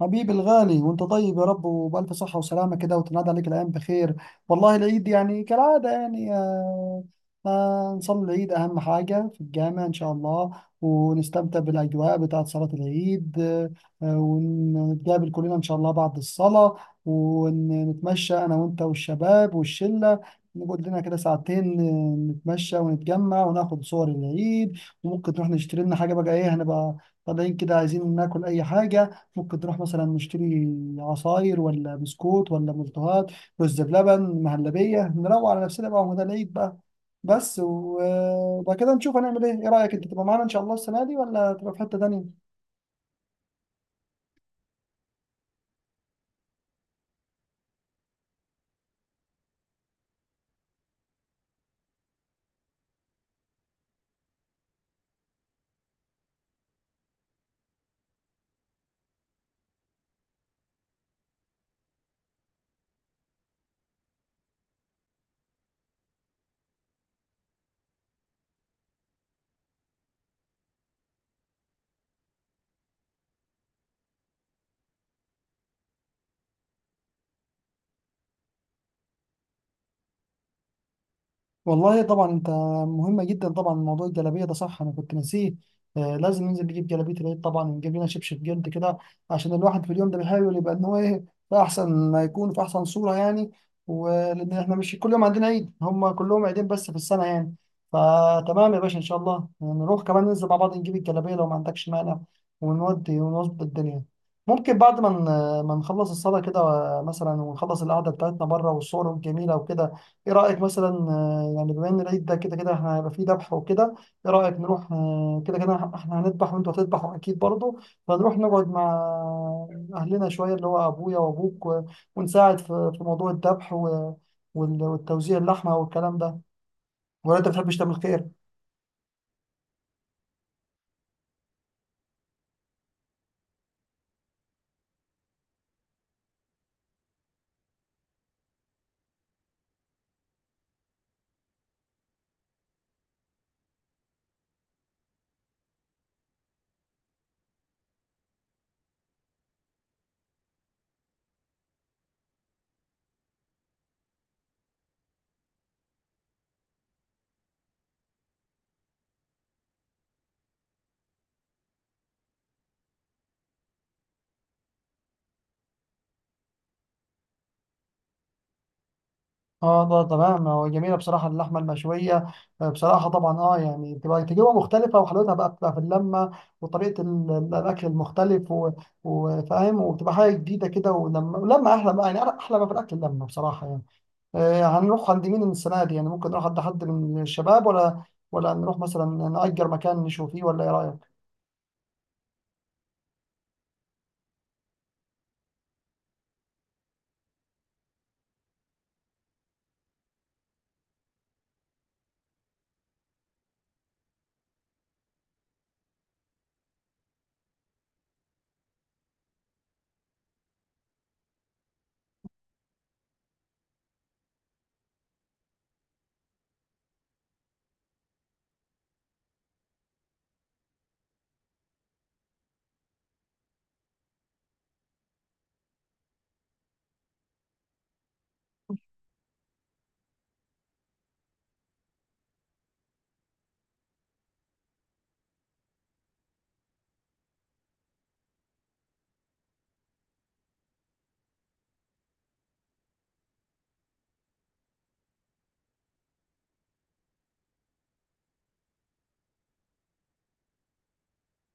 حبيبي الغالي وانت طيب يا رب وبألف صحة وسلامة كده، وتنادى عليك الأيام بخير. والله العيد يعني كالعادة يعني نصلي العيد أهم حاجة في الجامع إن شاء الله. ونستمتع بالأجواء بتاعة صلاة العيد ونتقابل كلنا إن شاء الله بعد الصلاة. ونتمشى أنا وأنت والشباب والشلة، نقعد لنا كده ساعتين نتمشى ونتجمع وناخد صور العيد. وممكن نروح نشتري لنا حاجة بقى. إيه، هنبقى طالعين كده عايزين ناكل أي حاجة، ممكن نروح مثلا نشتري عصاير ولا بسكوت ولا ملتهات، رز بلبن، مهلبية، نروق على نفسنا بقى ومدى العيد بقى. بس و- وبعد كده نشوف هنعمل ايه. ايه رأيك انت تبقى معانا ان شاء الله السنة دي ولا تبقى في حتة تانية؟ والله طبعا انت مهمة جدا. طبعا موضوع الجلابية ده صح، انا كنت ناسيه. آه، لازم ننزل نجيب جلابية العيد طبعا، ونجيب لنا شبشب جلد كده، عشان الواحد في اليوم ده بيحاول يبقى ان هو ايه في احسن ما يكون، في احسن صورة يعني. ولان احنا مش كل يوم عندنا عيد، هم كلهم عيدين بس في السنة يعني. فتمام يا باشا، ان شاء الله نروح كمان، ننزل مع بعض نجيب الجلابية لو ما عندكش مانع، ونودي ونظبط الدنيا. ممكن بعد ما ما نخلص الصلاة كده مثلا، ونخلص القعدة بتاعتنا بره والصور الجميلة وكده. ايه رأيك مثلا يعني بما ان العيد ده كده كده احنا هيبقى فيه ذبح وكده، ايه رأيك نروح كده كده احنا هنذبح وانتوا هتذبحوا اكيد برضه، فنروح نقعد مع اهلنا شوية، اللي هو ابويا وابوك ونساعد في موضوع الذبح والتوزيع اللحمة والكلام ده، ولا انت بتحبش تعمل خير؟ اه ده تمام، هو جميله بصراحه اللحمه المشويه. بصراحه طبعا اه يعني بتبقى تجربه مختلفه، وحلاوتها بقى بتبقى في اللمه وطريقه الاكل المختلف وفاهم، وبتبقى حاجه جديده كده، ولما احلى بقى يعني، احلى ما في الاكل اللمه بصراحه يعني. آه، هنروح عند مين السنه دي يعني؟ ممكن نروح عند حد من الشباب، ولا نروح مثلا نأجر مكان نشوف فيه، ولا ايه رايك؟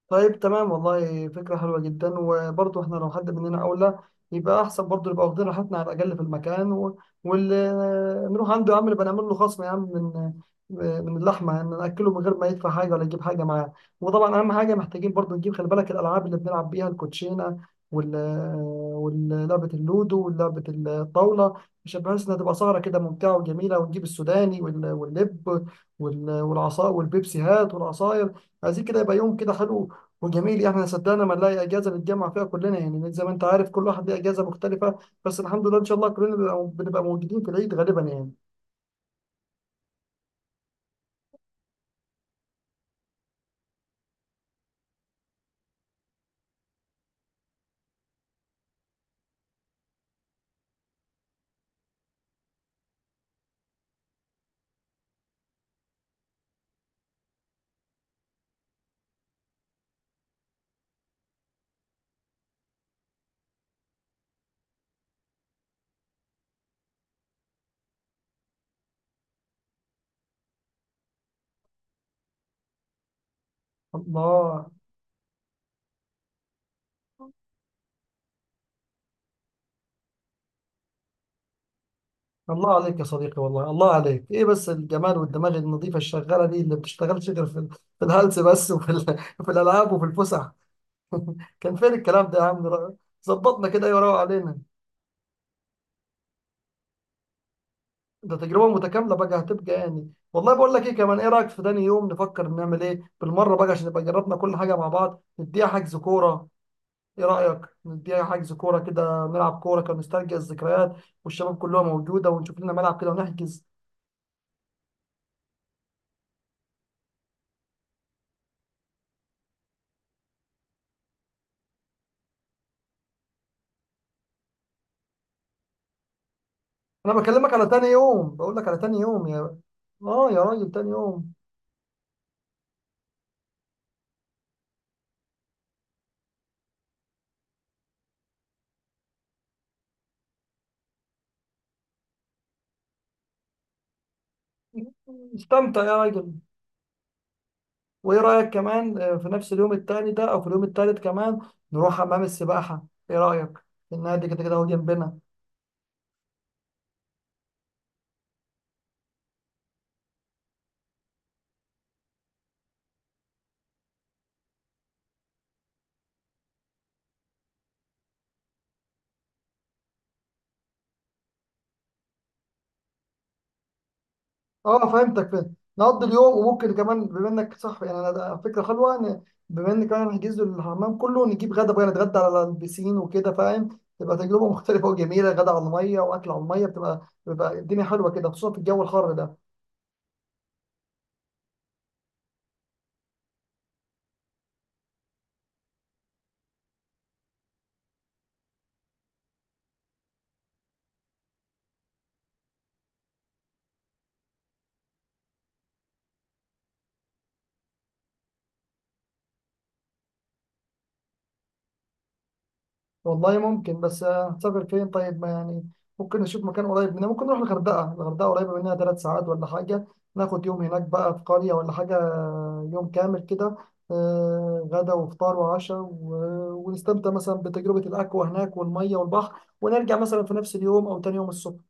طيب تمام، والله فكرة حلوة جدا. وبرضه احنا لو حد مننا أولى يبقى أحسن، برضه نبقى واخدين راحتنا على الأقل في المكان. و... واللي نروح عنده يا عم نبقى نعمل له خصم يا عم، من اللحمة يعني، نأكله من غير ما يدفع حاجة ولا يجيب حاجة معاه. وطبعا أهم حاجة محتاجين برضه نجيب، خلي بالك، الألعاب اللي بنلعب بيها: الكوتشينة وال ولعبة اللودو ولعبة الطاولة، عشان بحيث إنها تبقى سهرة كده ممتعة وجميلة. ونجيب السوداني واللب والعصا والبيبسيهات والعصاير. عايزين كده يبقى يوم كده حلو وجميل. احنا صدقنا ما نلاقي اجازه نتجمع فيها كلنا يعني، زي ما انت عارف كل واحد ليه اجازه مختلفه، بس الحمد لله ان شاء الله كلنا بنبقى موجودين في العيد غالبا يعني. الله الله عليك يا صديقي، والله الله عليك، ايه بس الجمال والدماغ النظيفه الشغاله دي، اللي بتشتغلش غير في الهلس بس، وفي في الالعاب وفي الفسح. كان فين الكلام ده يا عم ظبطنا كده، ايه وروق علينا. ده تجربه متكامله بقى هتبقى يعني. والله بقول لك ايه كمان، ايه رايك في تاني يوم نفكر نعمل ايه بالمره بقى، عشان نبقى جربنا كل حاجه مع بعض، نديها حجز كوره؟ ايه رأيك نديها حجز كورة كده نلعب كورة كنسترجع الذكريات، والشباب كلها موجودة، ونشوف لنا ملعب كده ونحجز. انا بكلمك على تاني يوم، بقول لك على تاني يوم يا. اه يا راجل تاني يوم، استمتع يا راجل. وايه رأيك كمان في نفس اليوم التاني ده او في اليوم التالت كمان نروح حمام السباحة؟ ايه رأيك؟ النادي كده كده هو جنبنا. اه فهمتك، فهمت. نقضي اليوم، وممكن كمان بما انك صح يعني، انا ده فكره حلوه، ان بما ان كمان نحجز له الحمام كله، نجيب غدا بقى نتغدى على البسين وكده، فاهم؟ تبقى تجربه مختلفه وجميله، غدا على الميه واكل على الميه، بتبقى بيبقى الدنيا حلوه كده، خصوصا في الجو الحر ده. والله ممكن، بس هنسافر فين؟ طيب، ما يعني ممكن نشوف مكان قريب مننا. ممكن نروح الغردقة، الغردقة قريبة مننا 3 ساعات ولا حاجة. ناخد يوم هناك بقى في قرية ولا حاجة، يوم كامل كده، غدا وفطار وعشاء ونستمتع مثلا بتجربة الأكوا هناك والمية والبحر، ونرجع مثلا في نفس اليوم أو تاني يوم الصبح.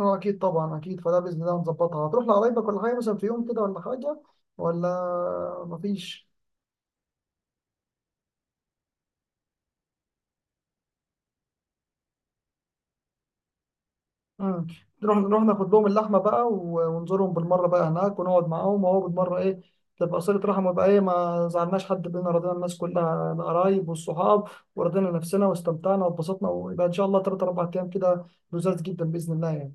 اه أكيد طبعا أكيد، فده بإذن الله هنظبطها. هتروح لقرايبك ولا حاجة مثلا في يوم كده ولا حاجة، ولا مفيش؟ مم. نروح ناخد لهم اللحمه بقى ونزورهم بالمره بقى هناك، ونقعد معاهم، وهو بالمره ايه تبقى صله رحم، ويبقى ايه ما زعلناش حد بينا، رضينا الناس كلها القرايب والصحاب، ورضينا نفسنا واستمتعنا واتبسطنا، ويبقى ان شاء الله 3 4 ايام كده لذاذ جدا باذن الله يعني.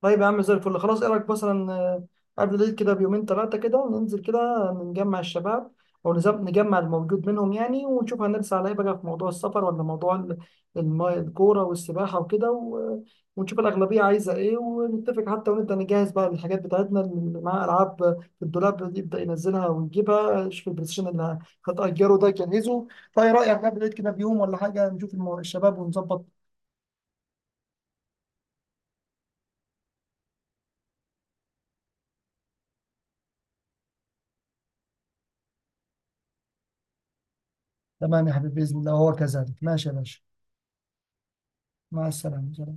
طيب يا عم زي الفل، خلاص. ايه رايك مثلا قبل العيد كده بيومين ثلاثه كده ننزل كده نجمع الشباب، او نجمع الموجود منهم يعني، ونشوف هنرسى على ايه بقى، في موضوع السفر ولا موضوع الكوره والسباحه وكده ونشوف الاغلبيه عايزه ايه ونتفق حتى، ونبدا نجهز بقى الحاجات بتاعتنا، اللي معاها العاب في الدولاب دي يبدا ينزلها ويجيبها، شوف البلاي ستيشن اللي هتأجره ده يجهزه. فايه رايك قبل العيد كده بيوم ولا حاجه نشوف الشباب ونظبط؟ تمام يا حبيبي باذن الله، وهو كذلك. ماشي يا باشا. مع السلامه.